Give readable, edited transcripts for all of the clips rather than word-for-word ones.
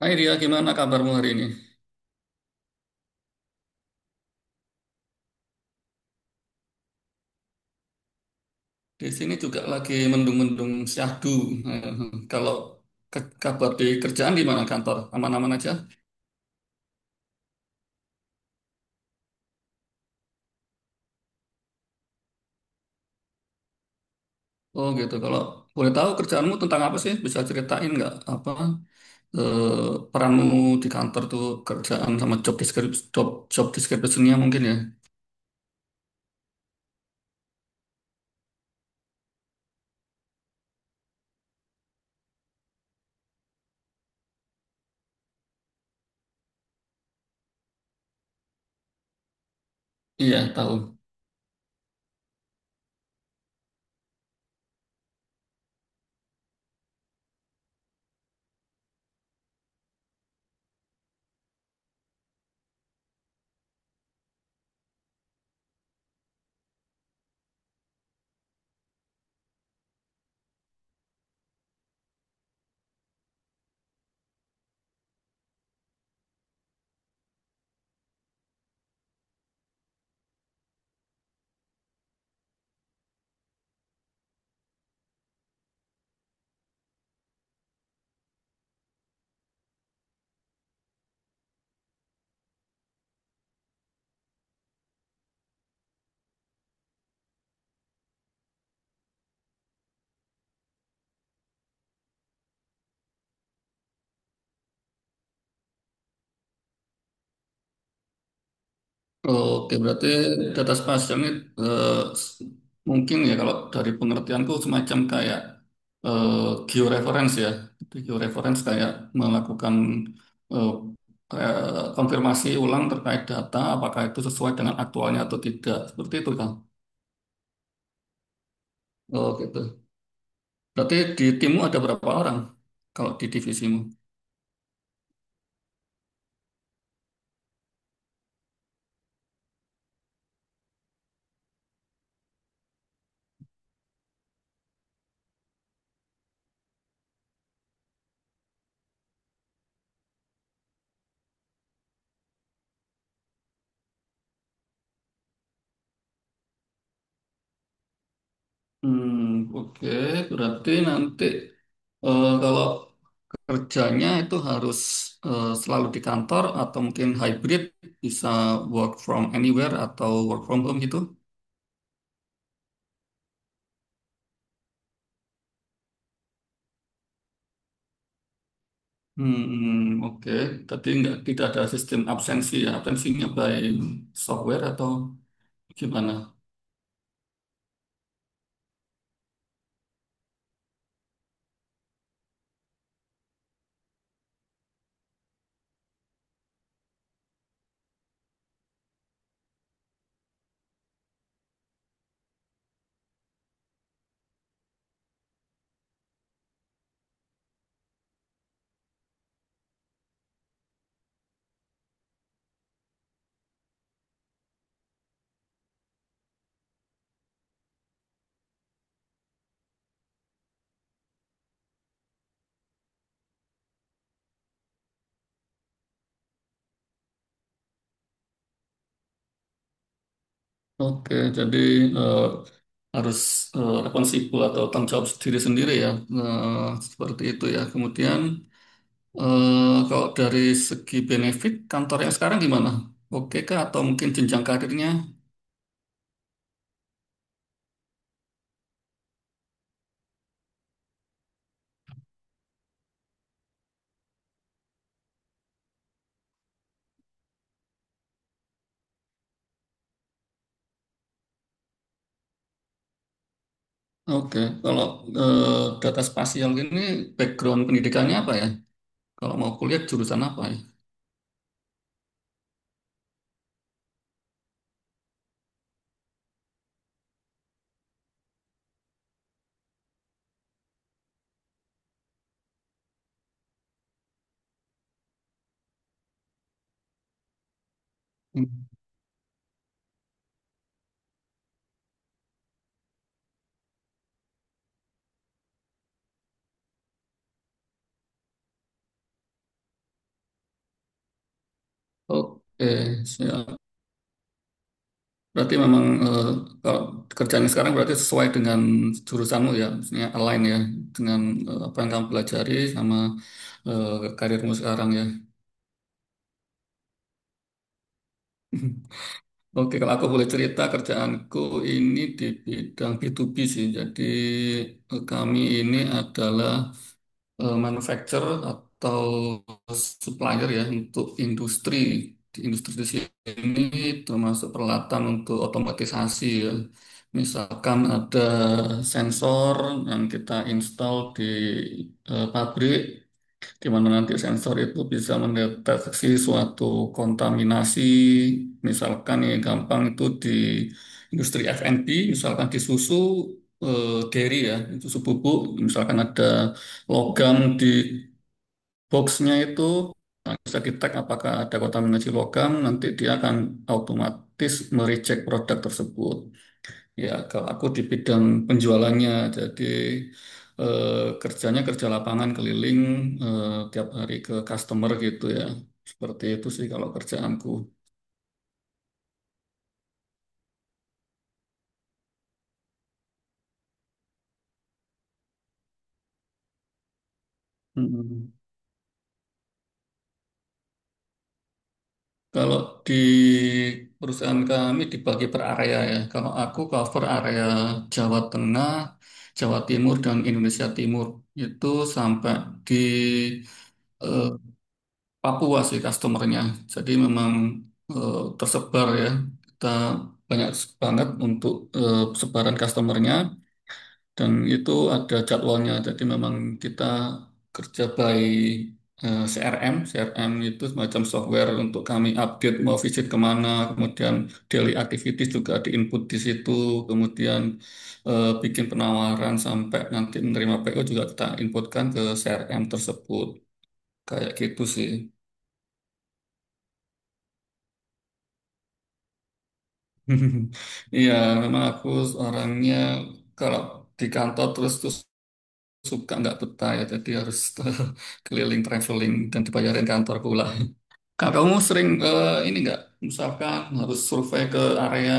Hai Ria, gimana kabarmu hari ini? Di sini juga lagi mendung-mendung syahdu. Eh, Kalau kabar di kerjaan gimana kantor? Aman-aman aja? Oh gitu. Kalau boleh tahu kerjaanmu tentang apa sih? Bisa ceritain nggak apa eh, peranmu di kantor tuh kerjaan sama job description, job description-nya mungkin ya? Iya, tahu. Oke, berarti data spasial ini eh, s- mungkin ya kalau dari pengertianku semacam kayak eh, georeference ya. Jadi georeference kayak melakukan eh, kayak konfirmasi ulang terkait data apakah itu sesuai dengan aktualnya atau tidak. Seperti itu kan. Oh, gitu. Berarti di timmu ada berapa orang kalau di divisimu? Hmm, oke. Berarti nanti kalau kerjanya itu harus selalu di kantor atau mungkin hybrid bisa work from anywhere atau work from home gitu. Hmm, oke. Tapi nggak tidak ada sistem absensi ya. Absensinya by software atau gimana? Oke, jadi eh, harus responsibel atau tanggung jawab diri sendiri ya. Eh, Seperti itu ya. Kemudian kalau dari segi benefit kantor yang sekarang gimana? Oke kah atau mungkin jenjang karirnya? Oke, kalau data spasial ini background pendidikannya apa ya? Kalau mau kuliah jurusan apa ya? Hmm. Oke, siap. Berarti memang kalau kerjaan sekarang berarti sesuai dengan jurusanmu ya, maksudnya align ya dengan apa yang kamu pelajari sama karirmu sekarang ya. Oke, kalau aku boleh cerita kerjaanku ini di bidang B2B sih. Jadi kami ini adalah manufacturer atau supplier ya untuk industri di sini termasuk peralatan untuk otomatisasi ya. Misalkan ada sensor yang kita install di pabrik di mana nanti sensor itu bisa mendeteksi suatu kontaminasi misalkan yang gampang itu di industri F&B misalkan di susu dairy ya itu susu bubuk misalkan ada logam di boxnya itu nah, bisa di tag apakah ada kota menuju logam, nanti dia akan otomatis mereject produk tersebut. Ya, kalau aku di bidang penjualannya, jadi eh, kerjanya kerja lapangan keliling eh, tiap hari ke customer gitu ya. Seperti itu sih kalau kerjaanku. Mm-mm. Kalau di perusahaan kami dibagi per area ya. Kalau aku cover area Jawa Tengah, Jawa Timur, dan Indonesia Timur. Itu sampai di eh, Papua sih customernya. Jadi memang tersebar ya. Kita banyak banget untuk sebaran customernya. Dan itu ada jadwalnya, jadi memang kita kerja by CRM. CRM itu semacam software untuk kami update mau visit kemana, kemudian daily activities juga diinput di situ, kemudian bikin penawaran sampai nanti menerima PO juga kita inputkan ke CRM tersebut. Kayak gitu sih. Iya, memang aku orangnya kalau di kantor terus terus suka nggak betah ya jadi harus keliling traveling dan dibayarin kantor pula. Kak, kamu sering ini nggak misalkan harus survei ke area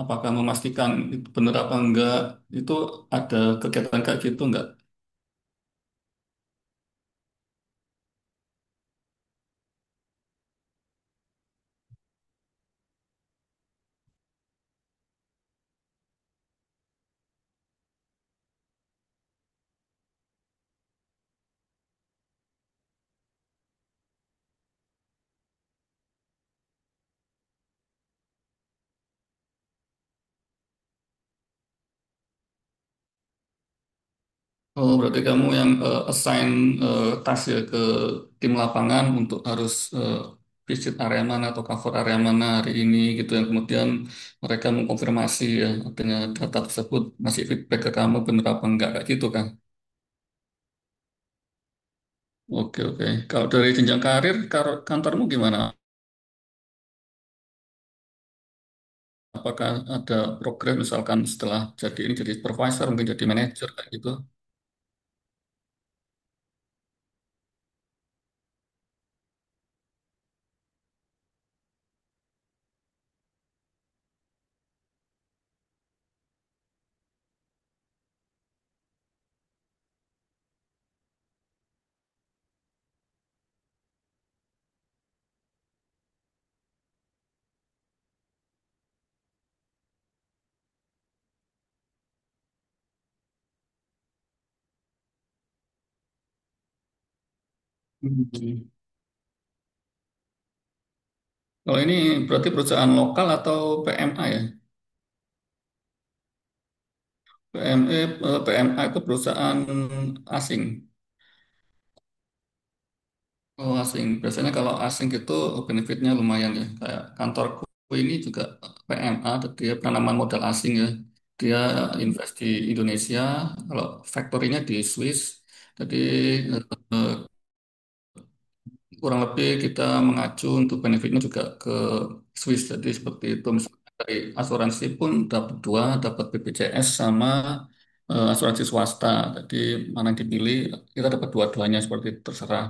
apakah memastikan itu benar apa enggak itu ada kegiatan kayak gitu nggak? Oh, berarti kamu yang assign task ya ke tim lapangan untuk harus visit area mana atau cover area mana hari ini gitu yang kemudian mereka mengkonfirmasi ya artinya data tersebut masih feedback ke kamu benar apa enggak kayak gitu kan? Oke, oke. Kalau dari jenjang karir, kantormu gimana? Apakah ada program misalkan setelah jadi ini jadi supervisor, mungkin jadi manajer kayak gitu? Hmm. Kalau ini berarti perusahaan lokal atau PMA ya? PME, PMA itu perusahaan asing. Oh, asing. Biasanya kalau asing itu benefitnya lumayan ya. Kayak kantorku ini juga PMA, dia penanaman modal asing ya. Dia invest di Indonesia, kalau factory-nya di Swiss. Jadi kurang lebih kita mengacu untuk benefitnya juga ke Swiss jadi seperti itu misalnya dari asuransi pun dapat dua dapat BPJS sama asuransi swasta jadi mana yang dipilih kita dapat dua-duanya seperti itu, terserah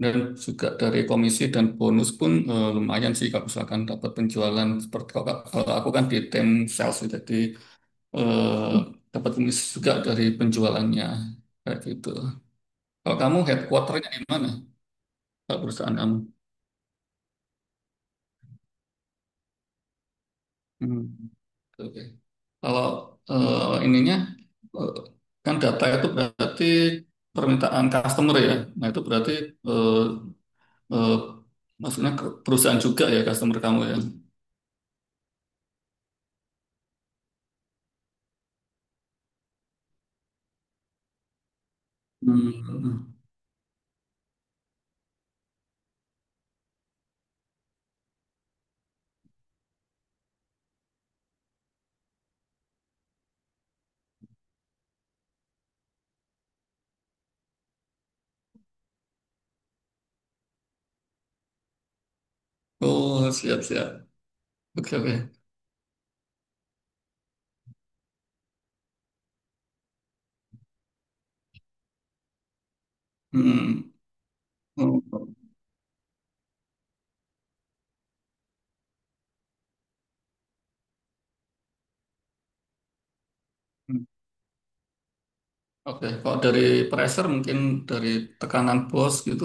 dan juga dari komisi dan bonus pun lumayan sih kalau misalkan dapat penjualan seperti kalau aku kan di tim sales jadi eh, dapat komisi juga dari penjualannya kayak gitu kalau kamu headquarternya di mana kalau perusahaan kamu Hmm. Oke. Kalau ininya eh, kan data itu berarti permintaan customer ya. Nah, itu berarti eh, eh, maksudnya perusahaan juga ya customer kamu ya. Hmm. Oh, siap-siap. Oke, oke. Hmm. Oh, hmm. Oke, kalau dari pressure mungkin dari tekanan bos gitu,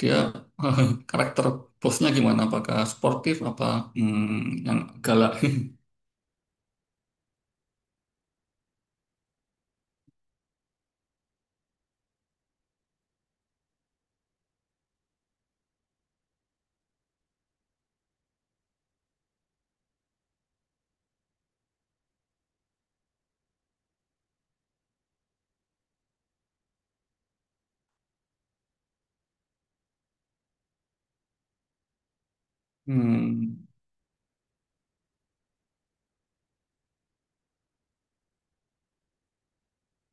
dia karakter bosnya gimana? Apakah sportif apa hmm, yang galak? Hmm.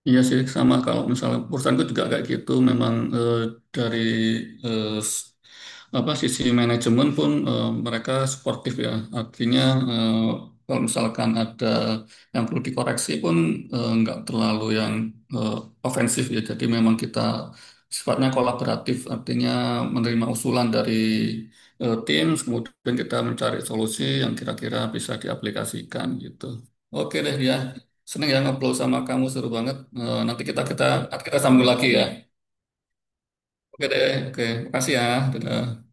Iya sih sama kalau misalnya perusahaanku juga kayak gitu memang dari eh, s- apa sisi manajemen pun mereka sportif ya artinya eh, kalau misalkan ada yang perlu dikoreksi pun nggak terlalu yang eh, ofensif ya jadi memang kita sifatnya kolaboratif artinya menerima usulan dari tim kemudian kita mencari solusi yang kira-kira bisa diaplikasikan gitu. Oke deh ya. Seneng ya ngobrol sama kamu seru banget. Eh, nanti kita kita kita sambung lagi ya. Oke deh, oke. Makasih ya. Dadah.